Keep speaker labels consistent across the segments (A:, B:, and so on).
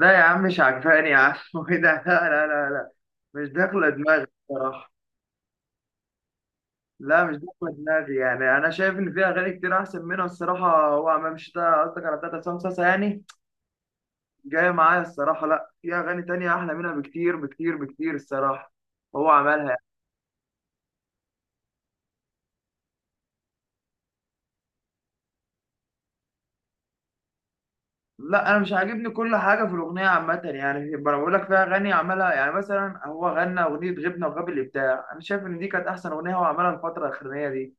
A: لا يا عم مش عجباني يا عم وايه ده؟ لا لا لا لا، مش داخله دماغي الصراحه. لا مش داخله دماغي، يعني انا شايف ان في اغاني كتير احسن منها الصراحه. هو عمام شتا قصدك، على بتاعت عصام صاصا يعني جايه معايا الصراحه. لا في اغاني تانية احلى منها بكتير بكتير بكتير الصراحه، هو عملها يعني. لا انا مش عاجبني كل حاجه في الاغنيه عامه، يعني انا بقول لك في اغاني عملها، يعني مثلا هو غنى اغنيه غبنا وغاب الابداع، انا شايف ان دي كانت احسن اغنيه هو عملها الفتره الاخرانيه دي.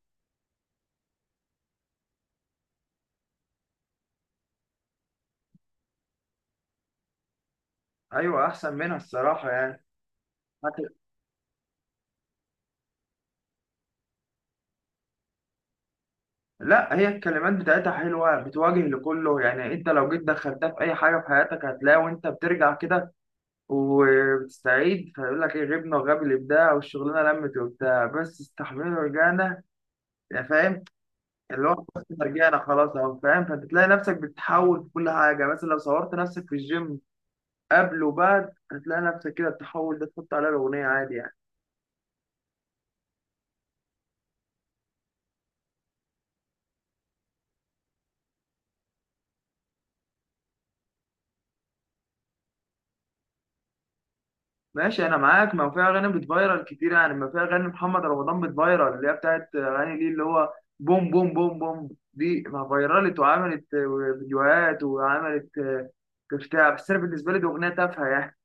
A: ايوه احسن منها الصراحه يعني. لا هي الكلمات بتاعتها حلوة بتواجه لكله، يعني انت لو جيت دخلتها في اي حاجة في حياتك هتلاقي وانت بترجع كده وبتستعيد، فيقول لك ايه؟ غبنا وغاب الابداع والشغلانة لمت وبتاع، بس استحملنا ورجعنا، يعني فاهم؟ اللي هو بس رجعنا خلاص اهو فاهم، فبتلاقي نفسك بتتحول في كل حاجة، مثلا لو صورت نفسك في الجيم قبل وبعد، هتلاقي نفسك كده التحول ده تحط عليه الأغنية عادي يعني. ماشي انا معاك، ما هو في اغاني بتفايرل كتير، يعني ما في اغاني محمد رمضان بتفايرل اللي هي بتاعت اغاني ليه، اللي هو بوم بوم بوم بوم، دي ما فايرلت وعملت فيديوهات وعملت بتاع، بس انا بالنسبه لي دي اغنيه تافهه يعني.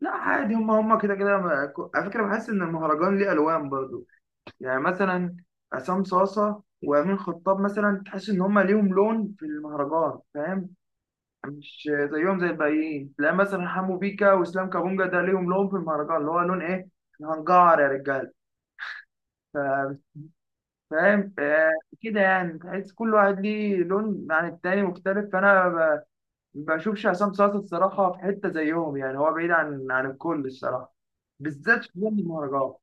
A: لا عادي، هم هم كده كده على فكره بحس ان المهرجان ليه الوان برضو، يعني مثلا عصام صاصه وامين خطاب مثلا تحس ان هم ليهم لون في المهرجان، فاهم؟ مش زيهم زي الباقيين، تلاقي مثلا حمو بيكا واسلام كابونجا ده ليهم لون في المهرجان، اللي هو لون ايه؟ إحنا هنجعر يا رجاله. ف- فاهم كده؟ يعني تحس كل واحد ليه لون عن التاني مختلف، بشوفش عصام صاصا الصراحه في حته زيهم، يعني هو بعيد عن الكل الصراحه، بالذات في فن المهرجان.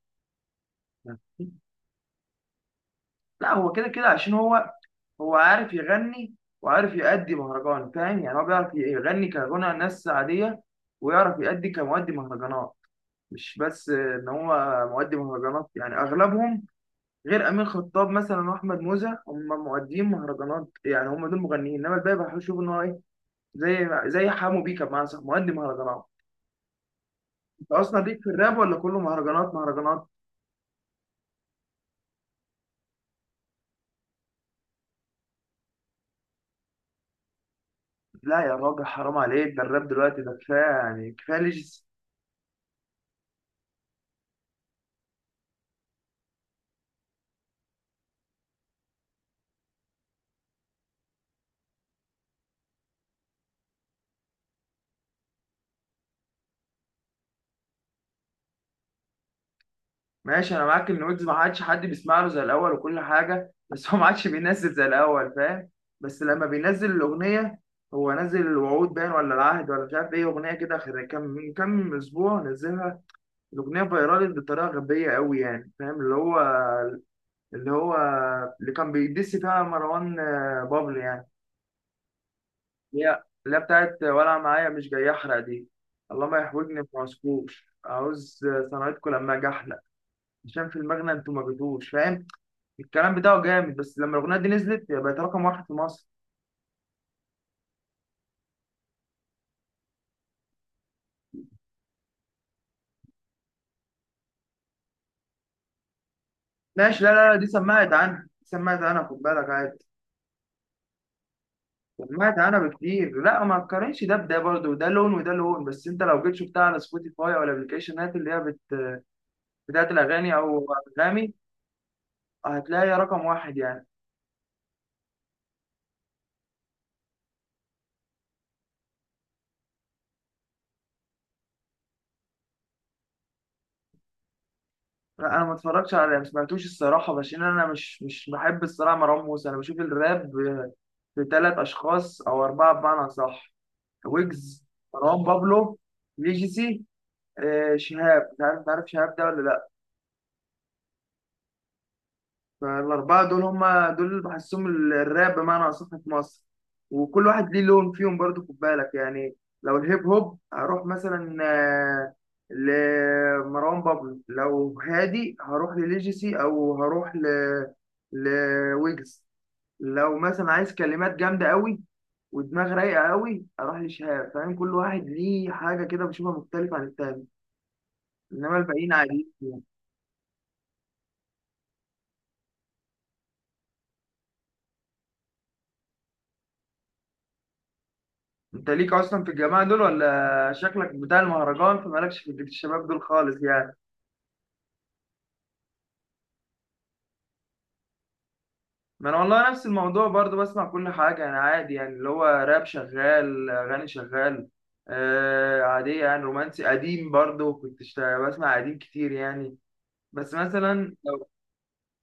A: لا هو كده كده عشان هو عارف يغني وعارف يأدي مهرجان، فاهم؟ يعني هو بيعرف يغني كغنى ناس عاديه، ويعرف يأدي كمؤدي مهرجانات، مش بس ان هو مؤدي مهرجانات، يعني اغلبهم غير امين خطاب مثلا واحمد موزة هم مؤديين مهرجانات، يعني هم دول مغنيين، انما الباقي بشوف ان هو ايه، زي حمو بيكا بمعنى صح مؤدي مهرجانات. انت اصلا ليك في الراب ولا كله مهرجانات مهرجانات؟ لا يا راجل حرام عليك، ده الراب دلوقتي ده كفايه يعني، كفايه ليجي. ماشي انا معاك ان ويجز ما عادش حد بيسمع له زي الاول وكل حاجه، بس هو ما عادش بينزل زي الاول، فاهم؟ بس لما بينزل الاغنيه، هو نزل الوعود باين ولا العهد ولا مش عارف ايه اغنيه كده، كان من كام اسبوع نزلها. الاغنيه فايرالت بطريقه غبيه قوي، يعني فاهم؟ اللي هو اللي كان بيدس فيها مروان بابلو يعني. اللي هي بتاعت ولا معايا مش جاي احرق دي، الله ما يحوجني في عصفور عاوز صنعتكم لما اجي احلق، عشان في المغنى انتوا ما جيتوش، فاهم؟ الكلام بتاعه جامد، بس لما الاغنيه دي نزلت هي بقت رقم واحد في مصر. ماشي، لا لا لا دي سمعت عنها، دي سمعت عنها، خد بالك عادي، سمعت عنها بكتير، لا ما تقارنش ده بده برضه، ده لون وده لون، بس انت لو جيت شفتها على سبوتيفاي او الابلكيشنات اللي هي بتاعت الاغاني او انغامي، هتلاقي رقم واحد يعني. لا انا ما اتفرجتش، على ما سمعتوش الصراحه، عشان انا مش بحب الصراحه مروان موسى، انا بشوف الراب في ثلاث اشخاص او اربعه بمعنى صح، ويجز، مروان بابلو، ليجيسي، شهاب، مش عارف تعرف شهاب ده ولا لا. فالاربعه دول هم دول اللي بحسهم الراب بمعنى اصح في مصر، وكل واحد ليه لون فيهم برضو خد بالك يعني. لو الهيب هوب هروح مثلا لمروان بابلو، لو هادي هروح لليجيسي، او هروح لويجز، لو مثلا عايز كلمات جامده قوي ودماغ رايقه قوي اروح لشهاب، فاهم؟ كل واحد ليه حاجه كده بشوفها مختلفه عن التاني، انما الباقيين عاديين يعني. انت ليك اصلا في الجماعه دول ولا شكلك بتاع المهرجان فمالكش في جيل الشباب دول خالص يعني؟ ما انا والله نفس الموضوع برضو، بسمع كل حاجه انا عادي، يعني اللي هو راب شغال، اغاني شغال، آه عاديه، يعني رومانسي قديم برضو كنت بسمع قديم كتير يعني. بس مثلا،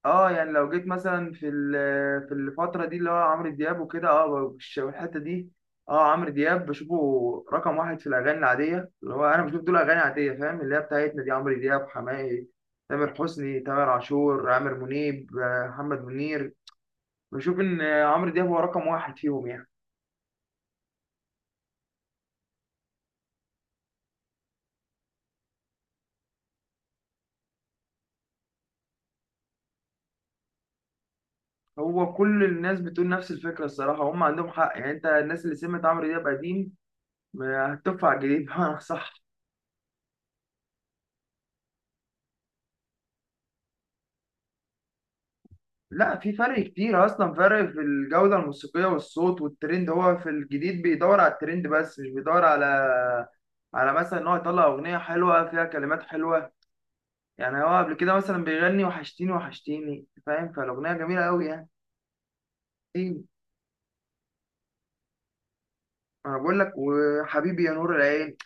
A: اه يعني لو جيت مثلا في الفترة دي اللي هو عمرو دياب وكده، اه الحتة دي، اه عمرو دياب بشوفه رقم واحد في الأغاني العادية، اللي هو أنا بشوف دول أغاني عادية فاهم، اللي هي بتاعتنا دي، عمرو دياب، حماقي، تامر حسني، تامر عاشور، عامر منيب، محمد منير، بشوف إن عمرو دياب هو رقم واحد فيهم يعني. هو كل الناس بتقول نفس الفكرة الصراحة، هم عندهم حق يعني، أنت الناس اللي سمعت عمرو دياب قديم هتطفى على الجديد صح؟ لا في فرق كتير اصلا، فرق في الجوده الموسيقيه والصوت والترند، هو في الجديد بيدور على الترند بس، مش بيدور على مثلا ان هو يطلع اغنيه حلوه فيها كلمات حلوه، يعني هو قبل كده مثلا بيغني وحشتيني وحشتيني، فاهم؟ فالاغنيه جميله قوي يعني. ايه، انا بقول لك وحبيبي يا نور العين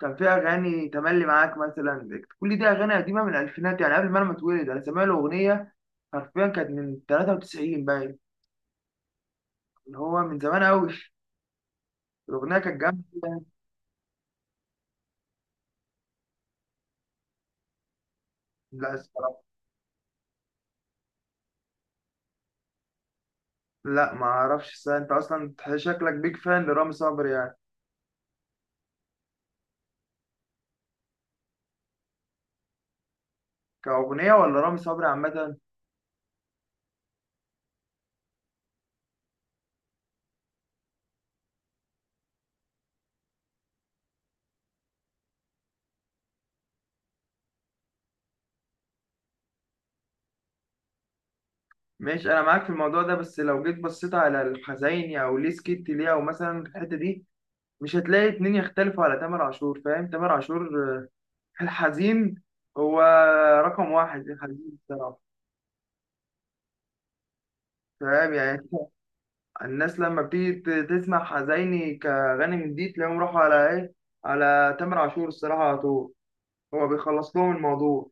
A: كان فيها، اغاني تملي معاك مثلا، كل دي اغاني قديمه من الالفينات يعني، قبل ما انا ما اتولد انا سامع له اغنيه حرفيا كانت من 93 باين، اللي هو من زمان قوي، الاغنيه كانت جامده. لا، لا ما اعرفش الصراحة. انت اصلا شكلك بيج فان لرامي صبري يعني؟ كأغنية ولا رامي صبري عامة؟ ماشي انا معاك في الموضوع ده، بس لو جيت بصيت على الحزيني او ليه سكت ليه او مثلا الحتة دي، مش هتلاقي اتنين يختلفوا على تامر عاشور، فاهم؟ تامر عاشور في الحزين، هو رقم واحد في الحزين الصراحة، فاهم يعني؟ الناس لما بتيجي تسمع حزيني كغني جديد، تلاقيهم راحوا على ايه؟ على تامر عاشور الصراحة على طول، هو بيخلص لهم الموضوع.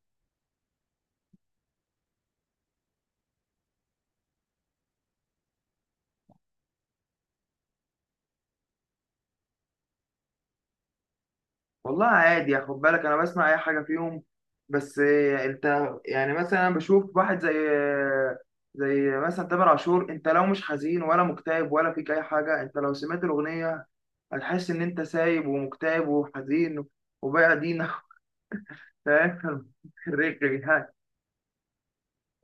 A: والله عادي خد بالك، انا بسمع اي حاجه فيهم، بس انت يعني مثلا، انا بشوف واحد زي مثلا تامر عاشور، انت لو مش حزين ولا مكتئب ولا فيك اي حاجه، انت لو سمعت الاغنيه هتحس ان انت سايب ومكتئب وحزين وبايع دينك، فاهم؟ رغي يعني.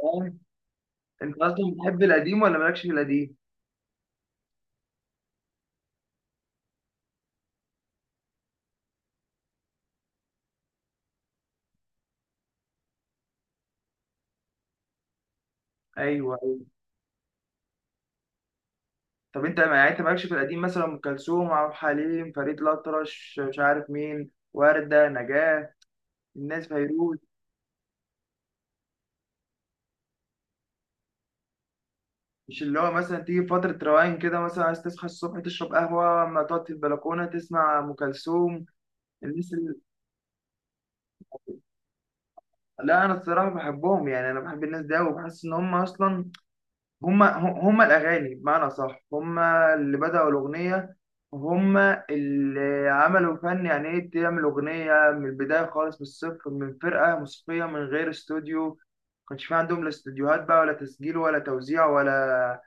A: فاهم؟ انت اصلا بتحب القديم ولا مالكش في القديم؟ ايوه أيوة. طب انت يعني انت مالكش في القديم؟ مثلا ام كلثوم، عبد الحليم، فريد الأطرش، مش عارف مين، وردة، نجاة، الناس، فيروز، مش اللي هو مثلا تيجي فترة روقان كده، مثلا عايز تصحى الصبح تشرب قهوة، أما تقعد في البلكونة تسمع أم كلثوم؟ الناس ال... لا أنا الصراحة بحبهم يعني، أنا بحب الناس دي وبحس إن هم أصلا هم هم الأغاني بمعنى صح، هم اللي بدأوا الأغنية، هم اللي عملوا فن، يعني إيه تعمل أغنية من البداية خالص من الصفر؟ من فرقة موسيقية، من غير استوديو، ما كانش في عندهم لا استوديوهات بقى ولا تسجيل ولا توزيع ولا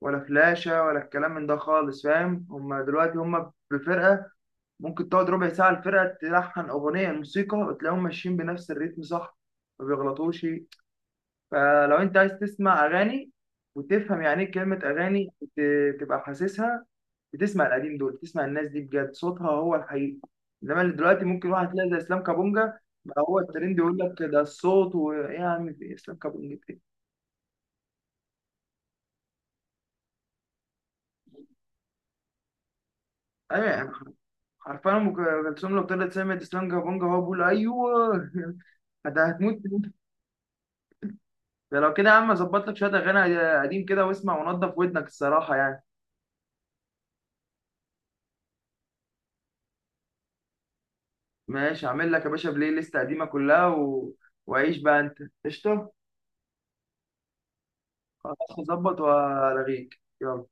A: ولا فلاشة ولا الكلام من ده خالص، فاهم؟ هما دلوقتي هما بفرقة ممكن تقعد ربع ساعة الفرقة تلحن أغنية الموسيقى، وتلاقيهم ماشيين بنفس الريتم، صح؟ ما بيغلطوش. فلو أنت عايز تسمع أغاني وتفهم يعني إيه كلمة أغاني، تبقى حاسسها، بتسمع القديم دول، تسمع الناس دي بجد صوتها هو الحقيقي، إنما اللي دلوقتي ممكن واحد تلاقي زي إسلام كابونجا، ما هو الترند يقول لك ده الصوت ويعني إسلام كابونجا إيه؟ أيوة، عارفة ام كلثوم لو طلعت سمعت اسلام كابونجا هو بقول ايوه؟ انت هتموت. ده لو كده يا عم اظبط لك شويه اغاني قديم كده واسمع ونضف ودنك الصراحه يعني. ماشي هعمل لك يا باشا بلاي ليست قديمه كلها وعيش بقى انت، قشطه. خلاص هظبط والغيك يلا.